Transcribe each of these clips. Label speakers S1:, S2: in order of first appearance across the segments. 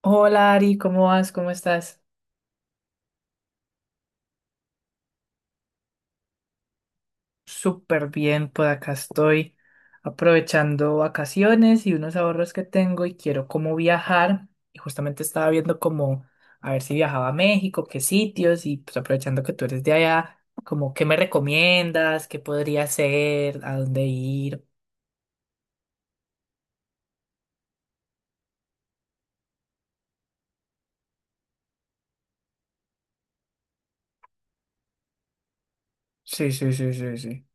S1: Hola Ari, ¿cómo vas? ¿Cómo estás? Súper bien, por acá estoy aprovechando vacaciones y unos ahorros que tengo y quiero como viajar. Y justamente estaba viendo como a ver si viajaba a México, qué sitios y pues aprovechando que tú eres de allá, como qué me recomiendas, qué podría hacer, a dónde ir. Sí, sí, sí, sí, sí.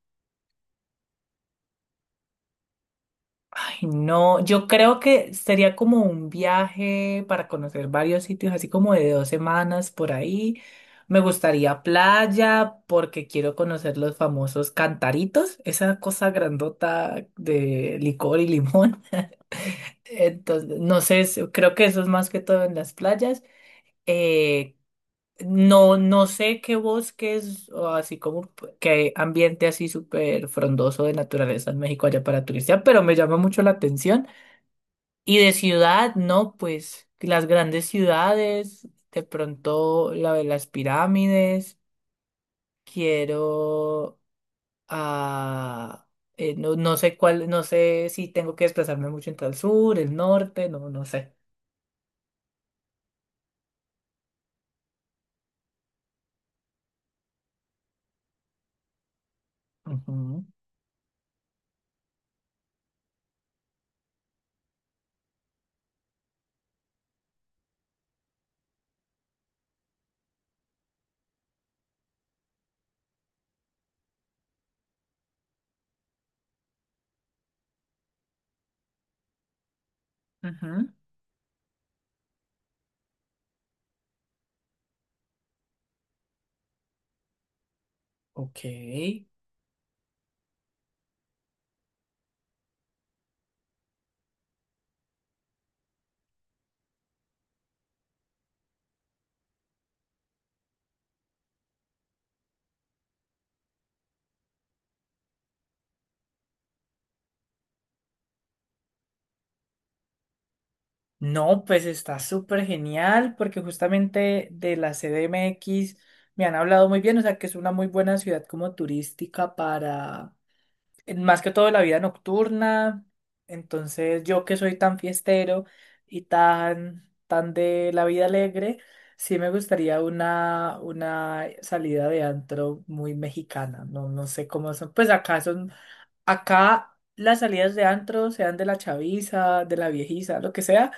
S1: Ay, no, yo creo que sería como un viaje para conocer varios sitios, así como de dos semanas por ahí. Me gustaría playa porque quiero conocer los famosos cantaritos, esa cosa grandota de licor y limón. Entonces, no sé, creo que eso es más que todo en las playas. Eh, no, no sé qué bosques o así como qué ambiente así súper frondoso de naturaleza en México allá para turistear, pero me llama mucho la atención. Y de ciudad, no, pues las grandes ciudades, de pronto la de las pirámides, quiero a... no, no sé cuál, no sé si tengo que desplazarme mucho entre el sur, el norte, no, no sé. Ujú, ujú. Ok. No, pues está súper genial porque justamente de la CDMX me han hablado muy bien, o sea que es una muy buena ciudad como turística para más que todo la vida nocturna. Entonces, yo que soy tan fiestero y tan de la vida alegre, sí me gustaría una salida de antro muy mexicana. No, no sé cómo son. Pues acá son. Acá las salidas de antro, sean de la chaviza, de la viejiza, lo que sea,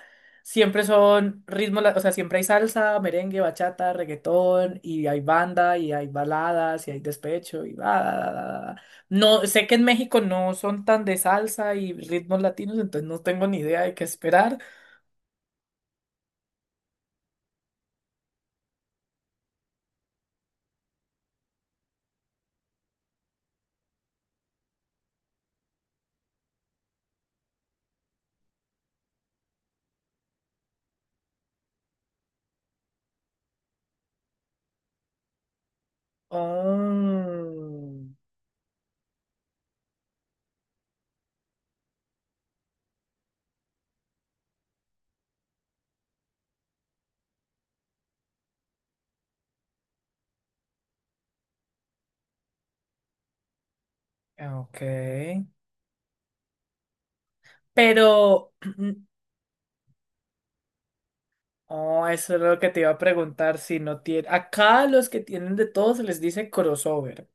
S1: siempre son ritmos, o sea, siempre hay salsa, merengue, bachata, reggaetón, y hay banda, y hay baladas, y hay despecho, y va, da, da, da, da. No, sé que en México no son tan de salsa y ritmos latinos, entonces no tengo ni idea de qué esperar. Oh, ok. Pero oh, eso es lo que te iba a preguntar, si no tiene... Acá los que tienen de todo se les dice crossover.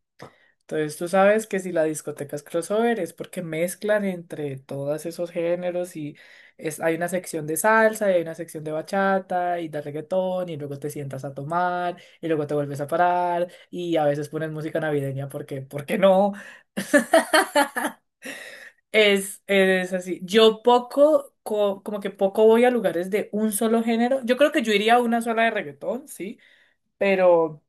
S1: Entonces tú sabes que si la discoteca es crossover es porque mezclan entre todos esos géneros y es... hay una sección de salsa y hay una sección de bachata y de reggaetón y luego te sientas a tomar y luego te vuelves a parar y a veces ponen música navideña porque, ¿por qué no? Es así. Yo poco, como que poco voy a lugares de un solo género. Yo creo que yo iría a una sola de reggaetón, sí, pero...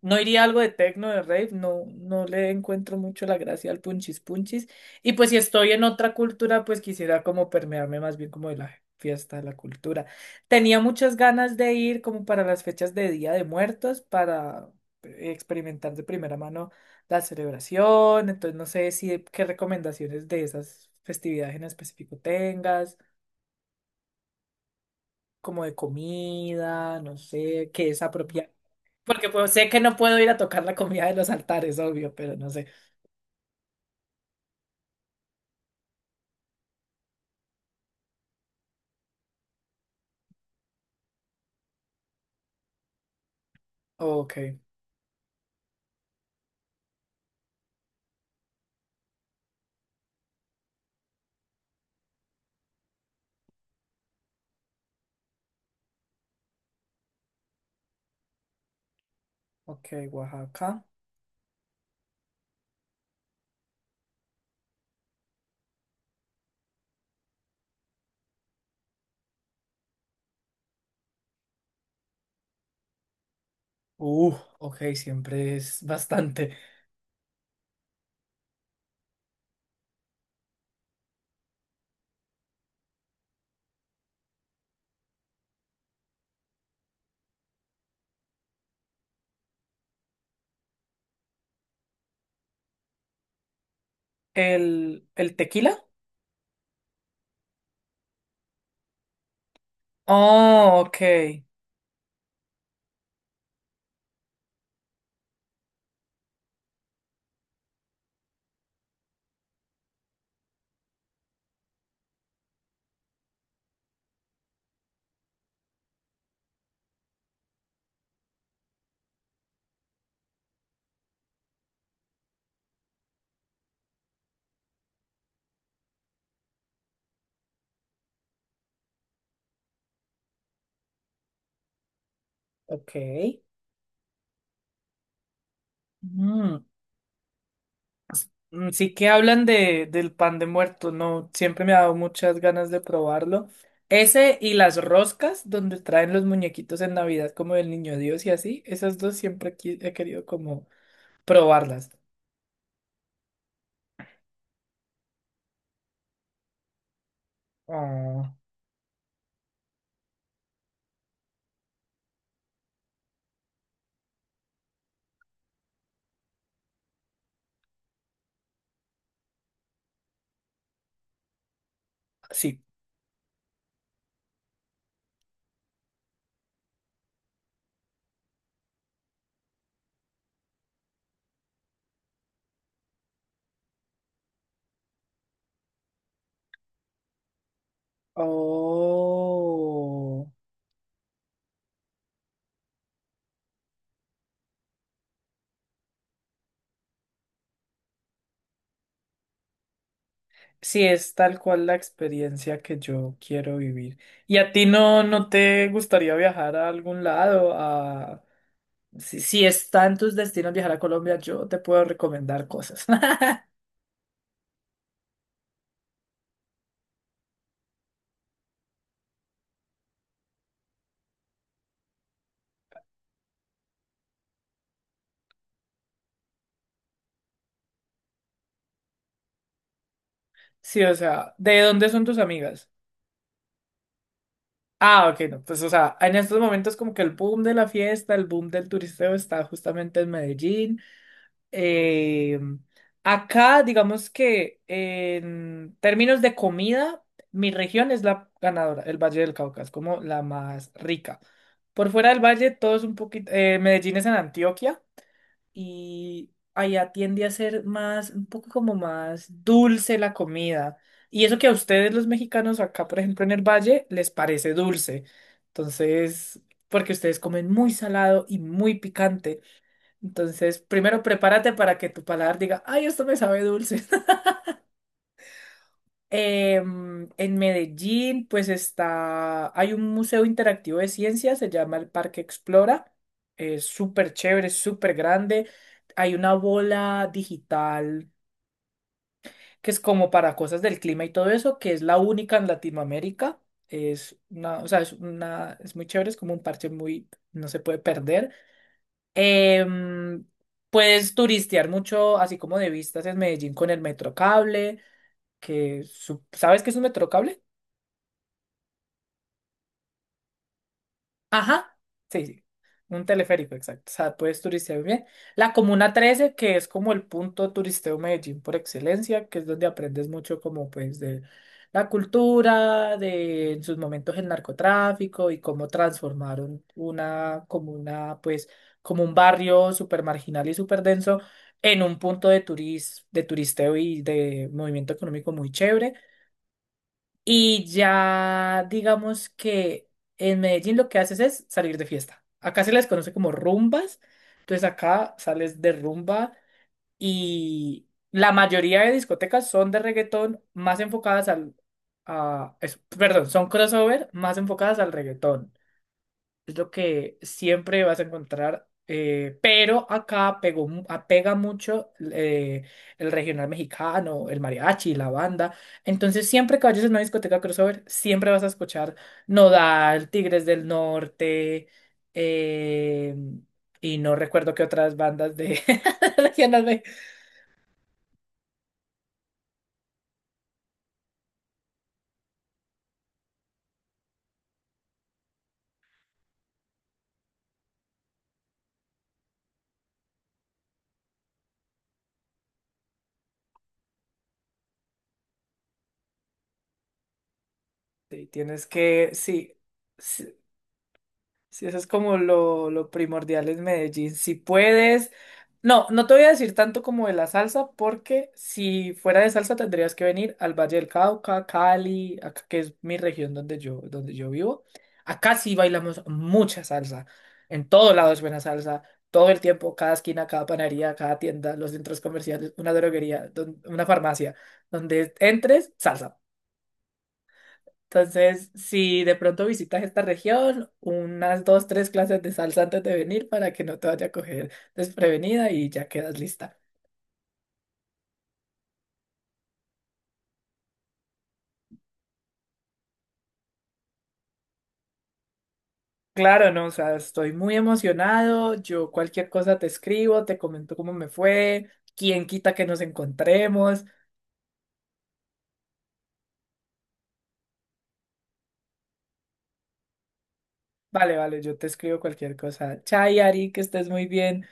S1: No iría a algo de techno, de rave, no, no le encuentro mucho la gracia al punchis punchis. Y pues si estoy en otra cultura, pues quisiera como permearme más bien como de la fiesta, de la cultura. Tenía muchas ganas de ir como para las fechas de Día de Muertos, para experimentar de primera mano la celebración. Entonces no sé si qué recomendaciones de esas festividades en específico tengas, como de comida, no sé, qué es apropiado. Porque pues sé que no puedo ir a tocar la comida de los altares, obvio, pero no sé. Ok, ok, Oaxaca. Uh, ok, siempre es bastante. El tequila? Oh, ok, ok. Mm, mm, sí que hablan de, del pan de muerto, no, siempre me ha dado muchas ganas de probarlo. Ese y las roscas, donde traen los muñequitos en Navidad, como del Niño Dios y así, esas dos siempre he querido como probarlas. Ah, sí. Oh, sí, es tal cual la experiencia que yo quiero vivir. ¿Y a ti no te gustaría viajar a algún lado? A... Si está en tus destinos viajar a Colombia, yo te puedo recomendar cosas. Sí, o sea, ¿de dónde son tus amigas? Ah, ok, no, pues o sea, en estos momentos como que el boom de la fiesta, el boom del turisteo está justamente en Medellín. Eh, acá, digamos que en términos de comida, mi región es la ganadora, el Valle del Cauca, es como la más rica. Por fuera del valle, todo es un poquito. Eh, Medellín es en Antioquia y allá tiende a ser más, un poco como más dulce la comida. Y eso que a ustedes, los mexicanos, acá, por ejemplo, en el valle, les parece dulce. Entonces, porque ustedes comen muy salado y muy picante. Entonces, primero prepárate para que tu paladar diga, ay, esto me sabe dulce. En Medellín, pues está, hay un museo interactivo de ciencia, se llama el Parque Explora. Es súper chévere, súper grande. Hay una bola digital que es como para cosas del clima y todo eso, que es la única en Latinoamérica. Es una, o sea, es una, es muy chévere, es como un parche muy, no se puede perder. Em, puedes turistear mucho, así como de vistas en Medellín con el Metrocable, que ¿sabes qué es un Metrocable? Ajá, sí, sí, un teleférico, exacto. O sea, puedes turistear muy bien. La Comuna Trece, que es como el punto turisteo Medellín por excelencia, que es donde aprendes mucho como pues de la cultura, de en sus momentos el narcotráfico y cómo transformaron una comuna, pues como un barrio súper marginal y súper denso en un punto de turis, de turisteo y de movimiento económico muy chévere. Y ya digamos que en Medellín lo que haces es salir de fiesta. Acá se les conoce como rumbas. Entonces acá sales de rumba y la mayoría de discotecas son de reggaetón más enfocadas al... A, perdón, son crossover más enfocadas al reggaetón es lo que siempre vas a encontrar. Pero acá pegó, apega mucho el regional mexicano, el mariachi, la banda. Entonces, siempre que vayas a una discoteca crossover, siempre vas a escuchar Nodal, Tigres del Norte, eh, y no recuerdo qué otras bandas de regional. Me sí, tienes que, sí. Sí, sí, eso es como lo primordial en Medellín. Si puedes, no, no te voy a decir tanto como de la salsa, porque si fuera de salsa tendrías que venir al Valle del Cauca, Cali, acá, que es mi región donde yo vivo. Acá sí bailamos mucha salsa. En todo lado es buena salsa. Todo el tiempo, cada esquina, cada panadería, cada tienda, los centros comerciales, una droguería, una farmacia, donde entres, salsa. Entonces, si de pronto visitas esta región, unas dos, tres clases de salsa antes de venir para que no te vaya a coger desprevenida y ya quedas lista. Claro, no, o sea, estoy muy emocionado. Yo cualquier cosa te escribo, te comento cómo me fue, quién quita que nos encontremos. Vale, vale, yo te escribo cualquier cosa. Chai, Ari, que estés muy bien.